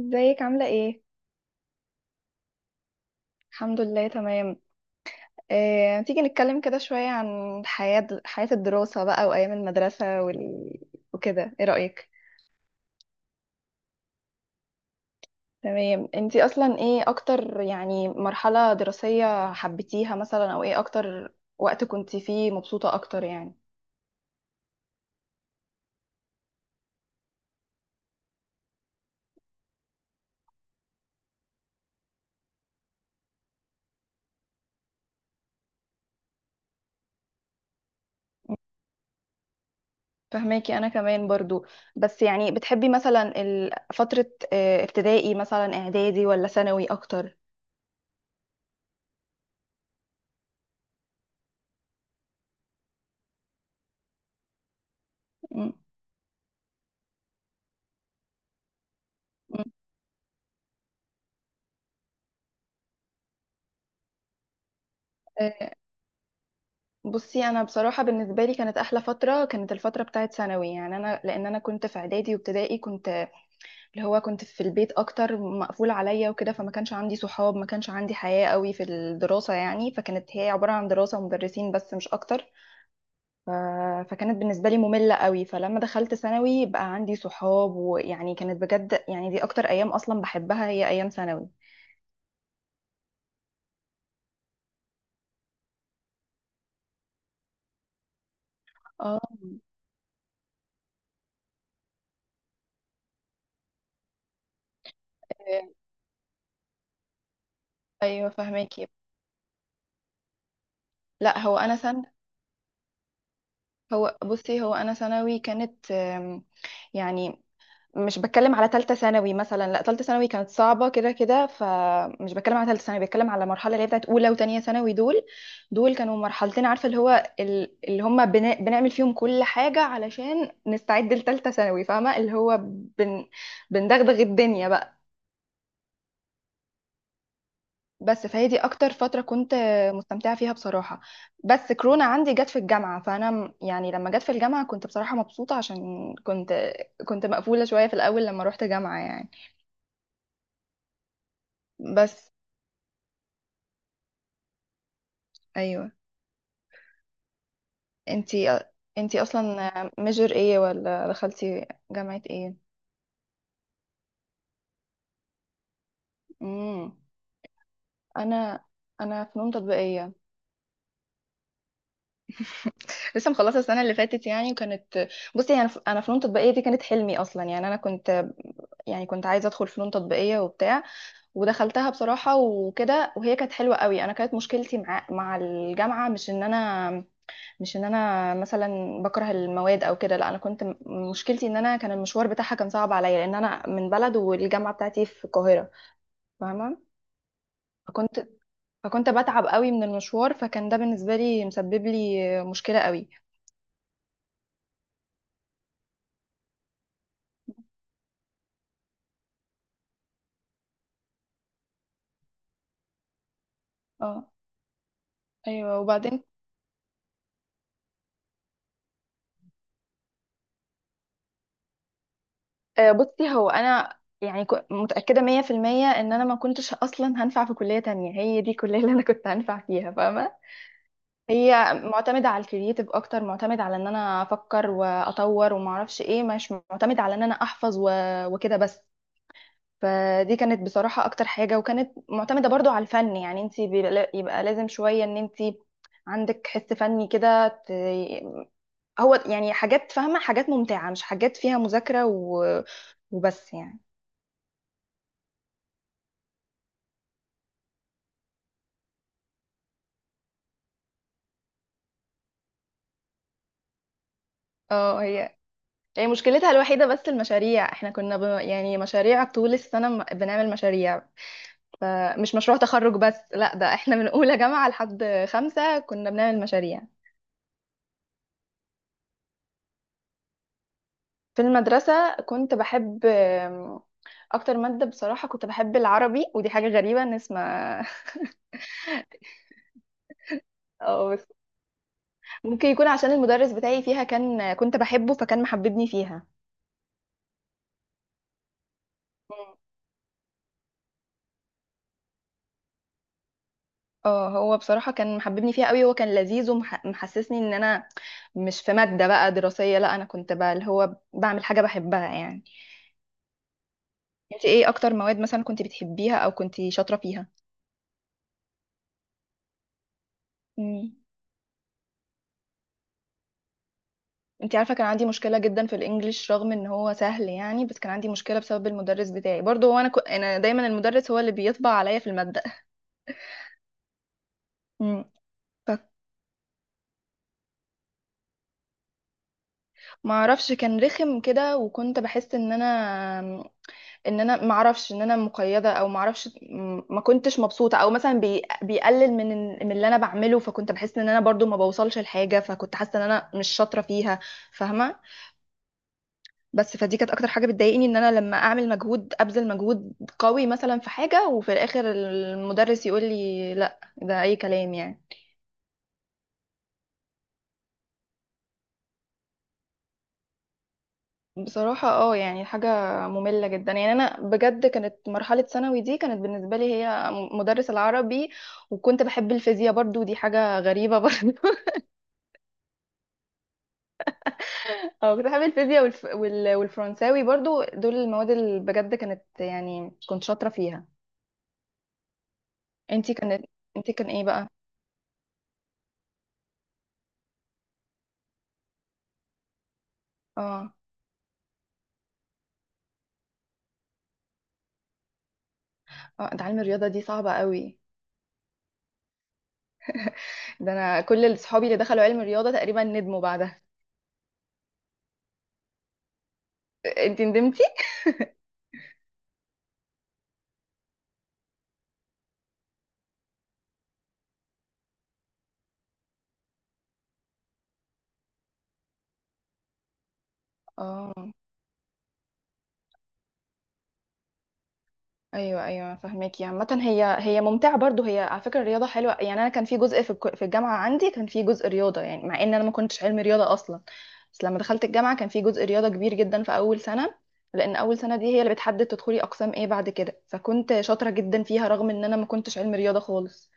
ازيك عاملة ايه؟ الحمد لله تمام. تيجي نتكلم كده شوية عن حياة الدراسة بقى وأيام المدرسة وكده، ايه رأيك؟ تمام، انتي أصلا ايه أكتر يعني مرحلة دراسية حبيتيها مثلا، أو ايه أكتر وقت كنتي فيه مبسوطة أكتر يعني؟ فهماكي أنا كمان برضو. بس يعني بتحبي مثلا فترة ابتدائي مثلا، إعدادي ولا ثانوي أكتر؟ م- م. بصي، انا بصراحه بالنسبه لي كانت احلى فتره كانت الفتره بتاعت ثانوي، يعني انا لان انا كنت في اعدادي وابتدائي كنت اللي هو كنت في البيت اكتر مقفول عليا وكده، فما كانش عندي صحاب، ما كانش عندي حياه قوي في الدراسه يعني، فكانت هي عباره عن دراسه ومدرسين بس مش اكتر. ف... فكانت بالنسبه لي ممله قوي. فلما دخلت ثانوي بقى عندي صحاب، ويعني كانت بجد، يعني دي اكتر ايام اصلا بحبها، هي ايام ثانوي. اه، ايوه فهماكي. لا، هو انا سنه. هو بصي، هو انا ثانوي كانت يعني مش بتكلم على ثالثه ثانوي مثلا، لا ثالثه ثانوي كانت صعبه كده كده، فمش بتكلم على ثالثه ثانوي، بتكلم على المرحله اللي هي بتاعت اولى وثانيه ثانوي دول. دول كانوا مرحلتين، عارفه اللي هو اللي هم بنعمل فيهم كل حاجه علشان نستعد لثالثه ثانوي، فاهمه اللي هو بن بندغدغ الدنيا بقى. بس فهي دي اكتر فتره كنت مستمتعه فيها بصراحه. بس كورونا عندي جت في الجامعه، فانا يعني لما جت في الجامعه كنت بصراحه مبسوطه، عشان كنت مقفوله شويه في الاول لما روحت جامعه يعني. بس، ايوه. انتي انتي اصلا ميجر ايه ولا دخلتي جامعه ايه؟ امم. انا فنون تطبيقيه. لسه مخلصه السنه اللي فاتت يعني، وكانت. بصي، يعني أنا فنون تطبيقيه دي كانت حلمي اصلا، يعني انا كنت يعني كنت عايزه ادخل فنون تطبيقيه وبتاع، ودخلتها بصراحة وكده، وهي كانت حلوة قوي. انا كانت مشكلتي مع الجامعة مش ان انا، مثلا بكره المواد او كده، لا انا كنت مشكلتي ان انا كان المشوار بتاعها كان صعب عليا، لان انا من بلد والجامعة بتاعتي في القاهرة، فاهمة. فكنت فكنت بتعب قوي من المشوار، فكان ده بالنسبة لي مسبب لي مشكلة قوي. اه، ايوه وبعدين. بصي، هو انا يعني متأكدة 100% ان انا ما كنتش اصلا هنفع في كلية تانية، هي دي الكلية اللي انا كنت هنفع فيها، فاهمة. هي معتمدة على الكرييتيف اكتر، معتمد على ان انا افكر واطور وما اعرفش ايه، مش معتمد على ان انا احفظ وكده بس. فدي كانت بصراحة اكتر حاجة، وكانت معتمدة برضو على الفن، يعني انت يبقى لازم شوية ان انت عندك حس فني كده. هو يعني حاجات، فاهمة، حاجات ممتعة مش حاجات فيها مذاكرة وبس يعني. اه، هي مشكلتها الوحيدة بس المشاريع. احنا كنا يعني مشاريع طول السنة، بنعمل مشاريع. فمش مشروع تخرج بس، لا، ده احنا من اولى جامعة لحد خمسة كنا بنعمل مشاريع. في المدرسة كنت بحب اكتر مادة بصراحة كنت بحب العربي، ودي حاجة غريبة ان اسمها. اه بس، ممكن يكون عشان المدرس بتاعي فيها كنت بحبه فكان محببني فيها. مم. اه، هو بصراحة كان محببني فيها قوي، هو كان لذيذ ومحسسني ان انا مش في مادة بقى دراسية، لا، انا كنت بقى اللي هو بعمل حاجة بحبها يعني. انت ايه اكتر مواد مثلا كنت بتحبيها او كنت شاطرة فيها؟ انت عارفه، كان عندي مشكله جدا في الانجليش، رغم ان هو سهل يعني، بس كان عندي مشكله بسبب المدرس بتاعي برضه. هو انا انا دايما المدرس هو اللي بيطبع عليا في الماده. امم. ف- ما اعرفش كان رخم كده، وكنت بحس ان انا ما اعرفش ان انا مقيده، او ما اعرفش ما كنتش مبسوطه، او مثلا بيقلل من من اللي انا بعمله، فكنت بحس ان انا برضو ما بوصلش لحاجه، فكنت حاسه ان انا مش شاطره فيها، فاهمه. بس، فدي كانت اكتر حاجه بتضايقني، ان انا لما اعمل مجهود ابذل مجهود قوي مثلا في حاجه، وفي الاخر المدرس يقول لي لا، ده اي كلام يعني. بصراحه، اه يعني حاجه ممله جدا، يعني انا بجد كانت مرحله ثانوي دي كانت بالنسبه لي هي مدرس العربي. وكنت بحب الفيزياء برضو، دي حاجه غريبه برضو. اه، كنت بحب الفيزياء والفرنساوي برضو، دول المواد اللي بجد كانت يعني كنت شاطره فيها. انتي كانت انتي كان ايه بقى؟ اه، اه، ده علم الرياضه دي صعبه قوي. ده انا كل اللي صحابي اللي دخلوا علم الرياضه تقريبا ندموا بعدها. انت ندمتي؟ اه، ايوه ايوه فهماكي. عامه هي ممتعه برضو، هي على فكره الرياضه حلوه يعني. انا كان في جزء في الجامعه عندي كان في جزء رياضه، يعني مع ان انا ما كنتش علم رياضه اصلا. بس لما دخلت الجامعه كان في جزء رياضه كبير جدا في اول سنه، لان اول سنه دي هي اللي بتحدد تدخلي اقسام ايه بعد كده، فكنت شاطره جدا فيها رغم ان انا ما كنتش علم رياضه خالص.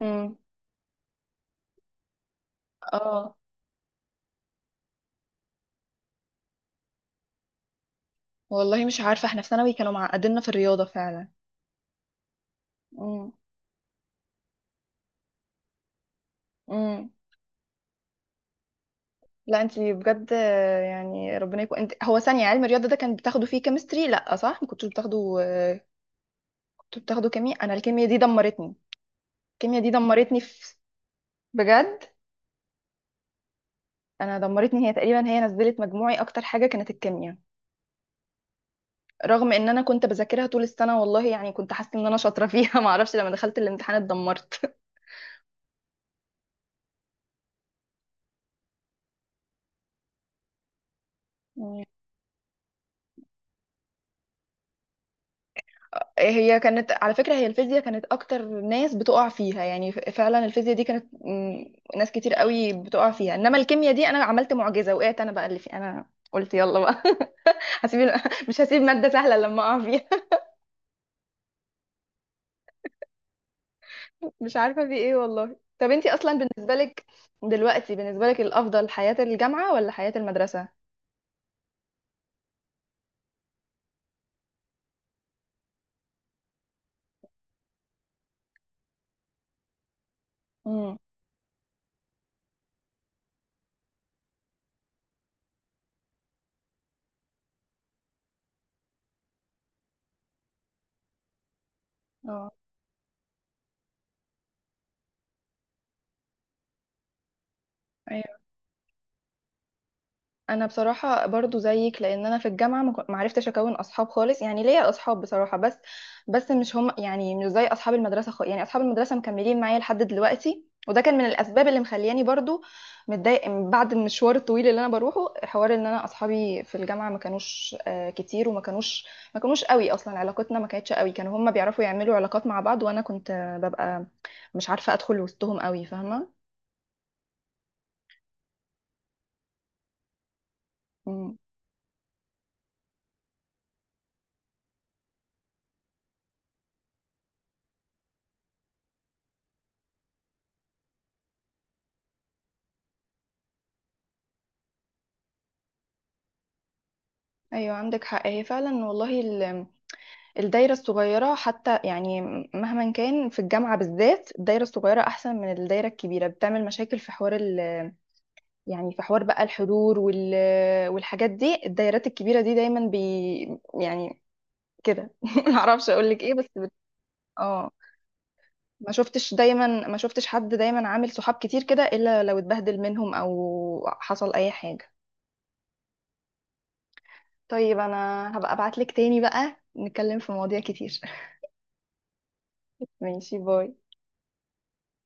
امم. اه، والله مش عارفه، احنا في ثانوي كانوا معقديننا في الرياضه فعلا. امم، امم. لا، انتي بجد، يعني ربنا يكون. انت، هو ثانية علم الرياضة ده كان بتاخده فيه كيمستري لا صح ما كنتوش بتاخده؟ كنت بتاخده كيمياء. انا الكيمياء دي دمرتني في. بجد، انا دمرتني، هي تقريبا هي نزلت مجموعي، اكتر حاجة كانت الكيمياء، رغم ان انا كنت بذاكرها طول السنة والله، يعني كنت حاسة ان انا شاطرة فيها. ما اعرفش لما دخلت الامتحان اتدمرت. هي كانت على فكرة، هي الفيزياء كانت أكتر ناس بتقع فيها يعني، فعلا الفيزياء دي كانت، ناس كتير قوي بتقع فيها. إنما الكيمياء دي أنا عملت معجزة، وقعت أنا بقى اللي في أنا، قلت يلا بقى. هسيب ال- مش هسيب مادة سهلة لما أقع فيها. مش عارفة في إيه والله. طب أنتي أصلا بالنسبة لك دلوقتي بالنسبة لك الأفضل حياة الجامعة ولا حياة المدرسة؟ امم. اه، انا بصراحه برضو زيك، لان انا في الجامعه ما عرفتش اكون اصحاب خالص، يعني ليا اصحاب بصراحه بس، مش هم يعني، مش زي اصحاب المدرسه خالص، يعني اصحاب المدرسه مكملين معايا لحد دلوقتي، وده كان من الاسباب اللي مخلياني برضو متضايق، بعد المشوار الطويل اللي انا بروحه، حوار ان انا اصحابي في الجامعه ما كانوش كتير، وما كانوش قوي. اصلا علاقتنا ما كانتش قوي، كانوا هم بيعرفوا يعملوا علاقات مع بعض، وانا كنت ببقى مش عارفه ادخل وسطهم قوي، فاهمه. مم. ايوه عندك حق، هي فعلا والله. الدايرة الصغيرة حتى يعني، مهما كان في الجامعة بالذات الدايرة الصغيرة أحسن من الدايرة الكبيرة. بتعمل مشاكل في حوار يعني في حوار بقى الحضور والحاجات دي. الدايرات الكبيرة دي دايما يعني كده. معرفش أقولك إيه بس اه، ما شفتش حد دايما عامل صحاب كتير كده إلا لو اتبهدل منهم أو حصل أي حاجة. طيب أنا هبقى أبعتلك تاني بقى نتكلم في مواضيع كتير. ماشي، باي.